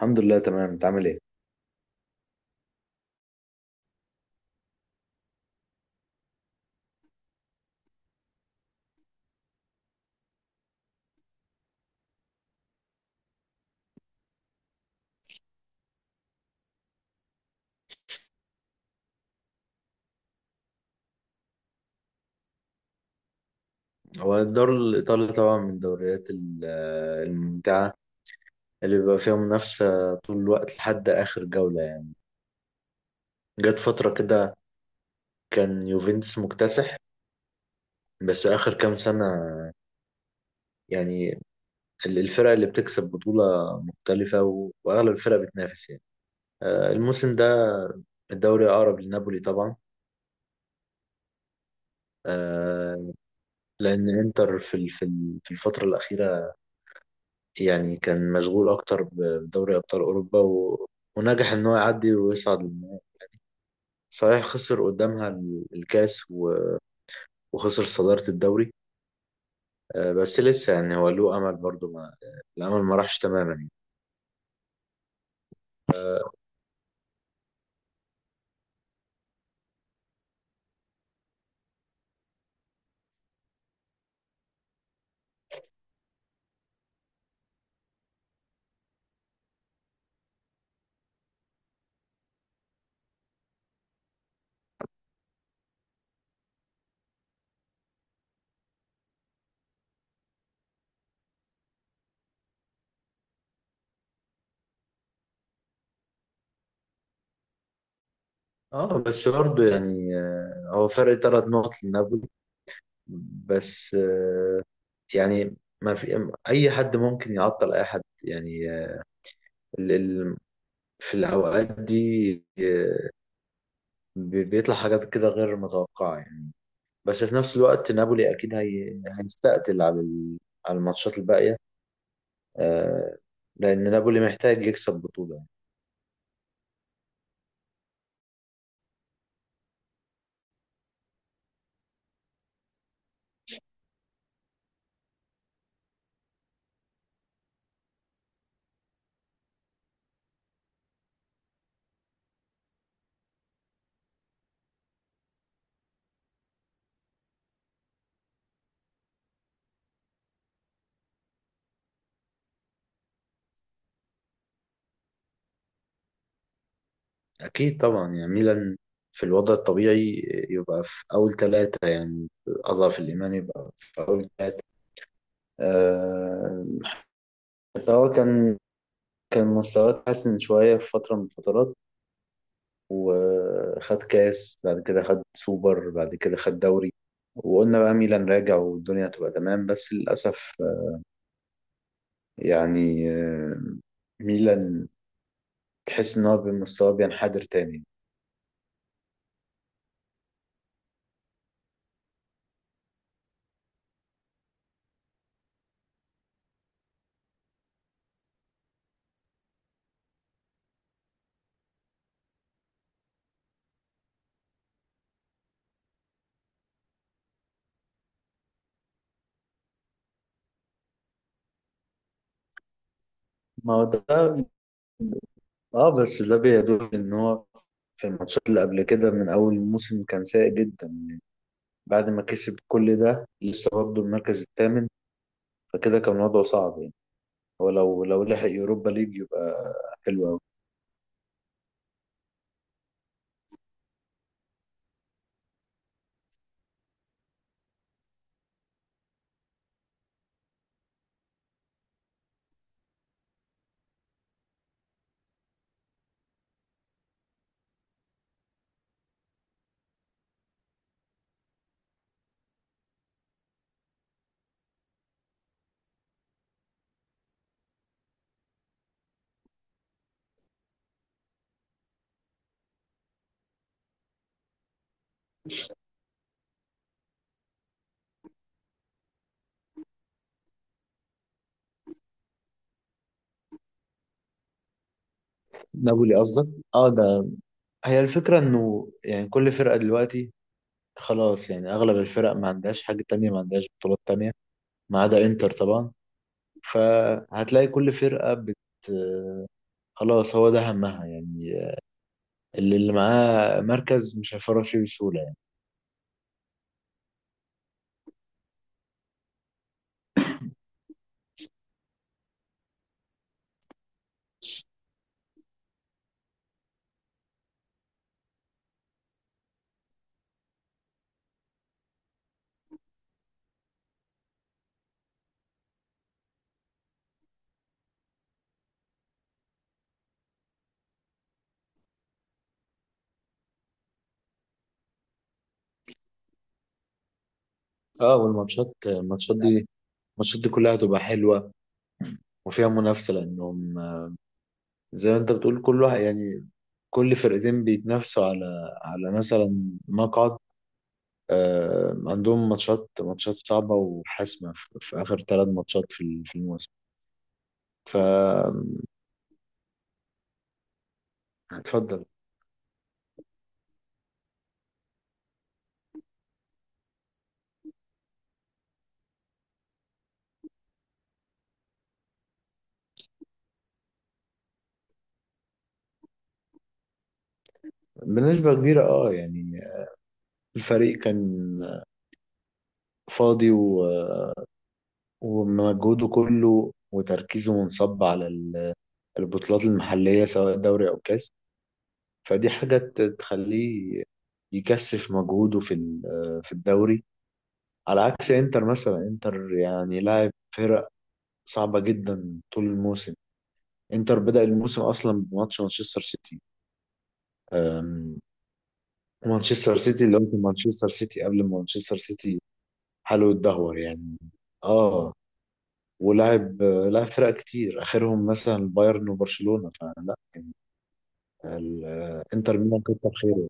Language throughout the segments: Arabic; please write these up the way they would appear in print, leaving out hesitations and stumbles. الحمد لله تمام. انت عامل ايه؟ هو الدوري الايطالي طبعا من الدوريات الممتعه، اللي بيبقى فيها منافسه طول الوقت لحد اخر جوله يعني. جت فتره كده كان يوفنتوس مكتسح. بس اخر كام سنه يعني الفرق اللي بتكسب بطوله مختلفه واغلب الفرق بتنافس يعني. الموسم ده الدوري اقرب لنابولي طبعا. آه، لان انتر في الفتره الاخيره يعني كان مشغول أكتر بدوري أبطال أوروبا ونجح إن هو يعدي ويصعد للنهائي. صحيح خسر قدامها الكاس وخسر صدارة الدوري. بس لسه يعني هو له أمل برضه ما... الأمل ما راحش تماما يعني. اه بس برضه يعني هو فرق ثلاث نقط لنابولي. بس يعني ما في أي حد ممكن يعطل أي حد يعني ال... ال- في الأوقات دي آه، بيطلع حاجات كده غير متوقعة يعني. بس في نفس الوقت نابولي اكيد هيستقتل على الماتشات الباقيه آه... لان نابولي محتاج يكسب بطوله يعني. اكيد طبعا يعني ميلان في الوضع الطبيعي يبقى في اول ثلاثه، يعني اضعف الايمان يبقى في اول ثلاثه آه... بس هو كان مستواه اتحسن شويه في فتره من الفترات. وخد كاس بعد كده خد سوبر بعد كده خد دوري. وقلنا بقى ميلان راجع والدنيا هتبقى تمام، بس للأسف يعني ميلان تحس ان هو بمستواه بينحدر تاني. ما هو ده. اه بس ده بيدل ان هو في الماتشات اللي قبل كده من اول الموسم كان سيء جدا. بعد ما كسب كل ده لسه برضه المركز الثامن، فكده كان وضعه صعب يعني. هو لو لحق يوروبا ليج يبقى حلو قوي. نابولي قصدك. اه ده هي الفكرة انه يعني كل فرقة دلوقتي خلاص يعني اغلب الفرق ما عندهاش حاجة تانية، ما عندهاش بطولات تانية، ما عدا انتر طبعا. فهتلاقي كل فرقة خلاص، هو ده همها يعني. اللي معاه مركز مش هيفرط فيه بسهولة يعني. اه والماتشات الماتشات دي الماتشات دي كلها هتبقى حلوة وفيها منافسة، لأنهم زي ما أنت بتقول كل واحد يعني، كل فرقتين بيتنافسوا على مثلا مقعد. عندهم ماتشات صعبة وحاسمة في آخر ثلاث ماتشات في الموسم. ف اتفضل. بنسبة كبيرة اه يعني الفريق كان فاضي، ومجهوده كله وتركيزه منصب على البطولات المحلية سواء دوري أو كاس. فدي حاجة تخليه يكثف مجهوده في الدوري. على عكس انتر مثلا، انتر يعني لاعب فرق صعبة جدا طول الموسم. انتر بدأ الموسم أصلا بماتش مانشستر سيتي أم، مانشستر سيتي اللي هو كان مانشستر سيتي قبل ما مانشستر سيتي حاله يتدهور يعني. اه ولعب فرق كتير اخرهم مثلا بايرن وبرشلونه، فلا الانتر ميلان كتر خيره.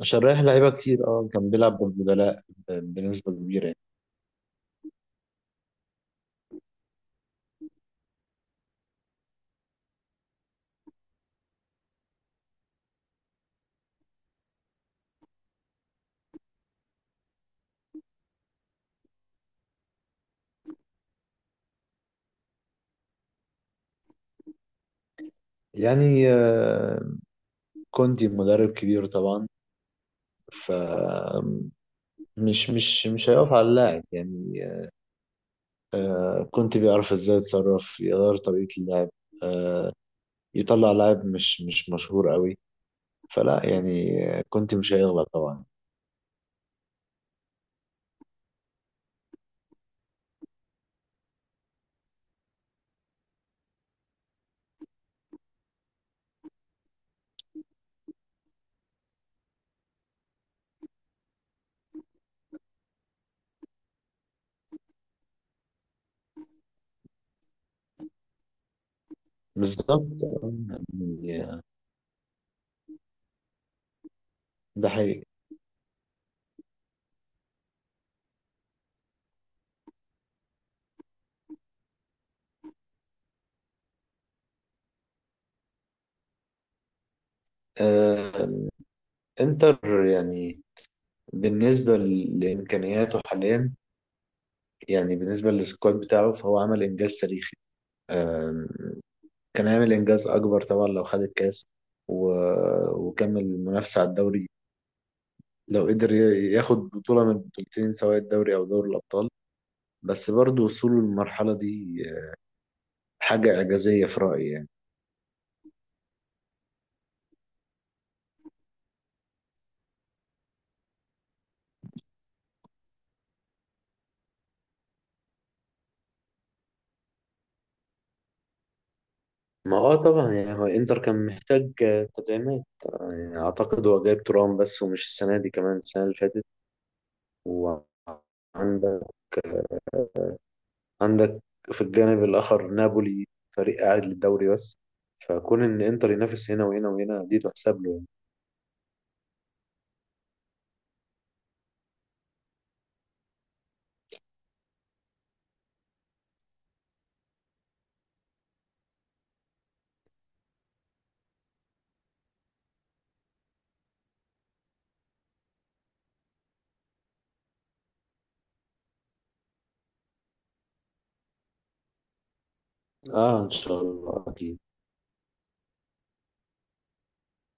عشان رايح لعيبه كتير اه كان بيلعب بالبدلاء بنسبه كبيره يعني. يعني كونتي مدرب كبير طبعا. ف مش مش مش هيقف على اللاعب يعني. كونتي بيعرف ازاي يتصرف يغير طريقه اللعب. آه، يطلع لاعب مش مش مشهور قوي. فلا يعني كونتي مش هيغلط طبعا. بالظبط يعني ده حقيقي. آه، انتر يعني بالنسبة لإمكانياته حاليا، يعني بالنسبة للسكواد بتاعه، فهو عمل إنجاز تاريخي. آه، كان هيعمل إنجاز أكبر طبعا لو خد الكاس وكمل المنافسة على الدوري، لو قدر ياخد بطولة من البطولتين سواء الدوري أو دوري الأبطال. بس برضه وصوله للمرحلة دي حاجة إعجازية في رأيي يعني. ما هو طبعا يعني هو انتر كان محتاج تدعيمات يعني أعتقد هو جايب ترام بس، ومش السنة دي كمان، السنة اللي فاتت. وعندك عندك في الجانب الآخر نابولي فريق قاعد للدوري بس. فكون إن إنتر ينافس هنا وهنا وهنا دي تحسب له يعني. آه، إن شاء الله أكيد.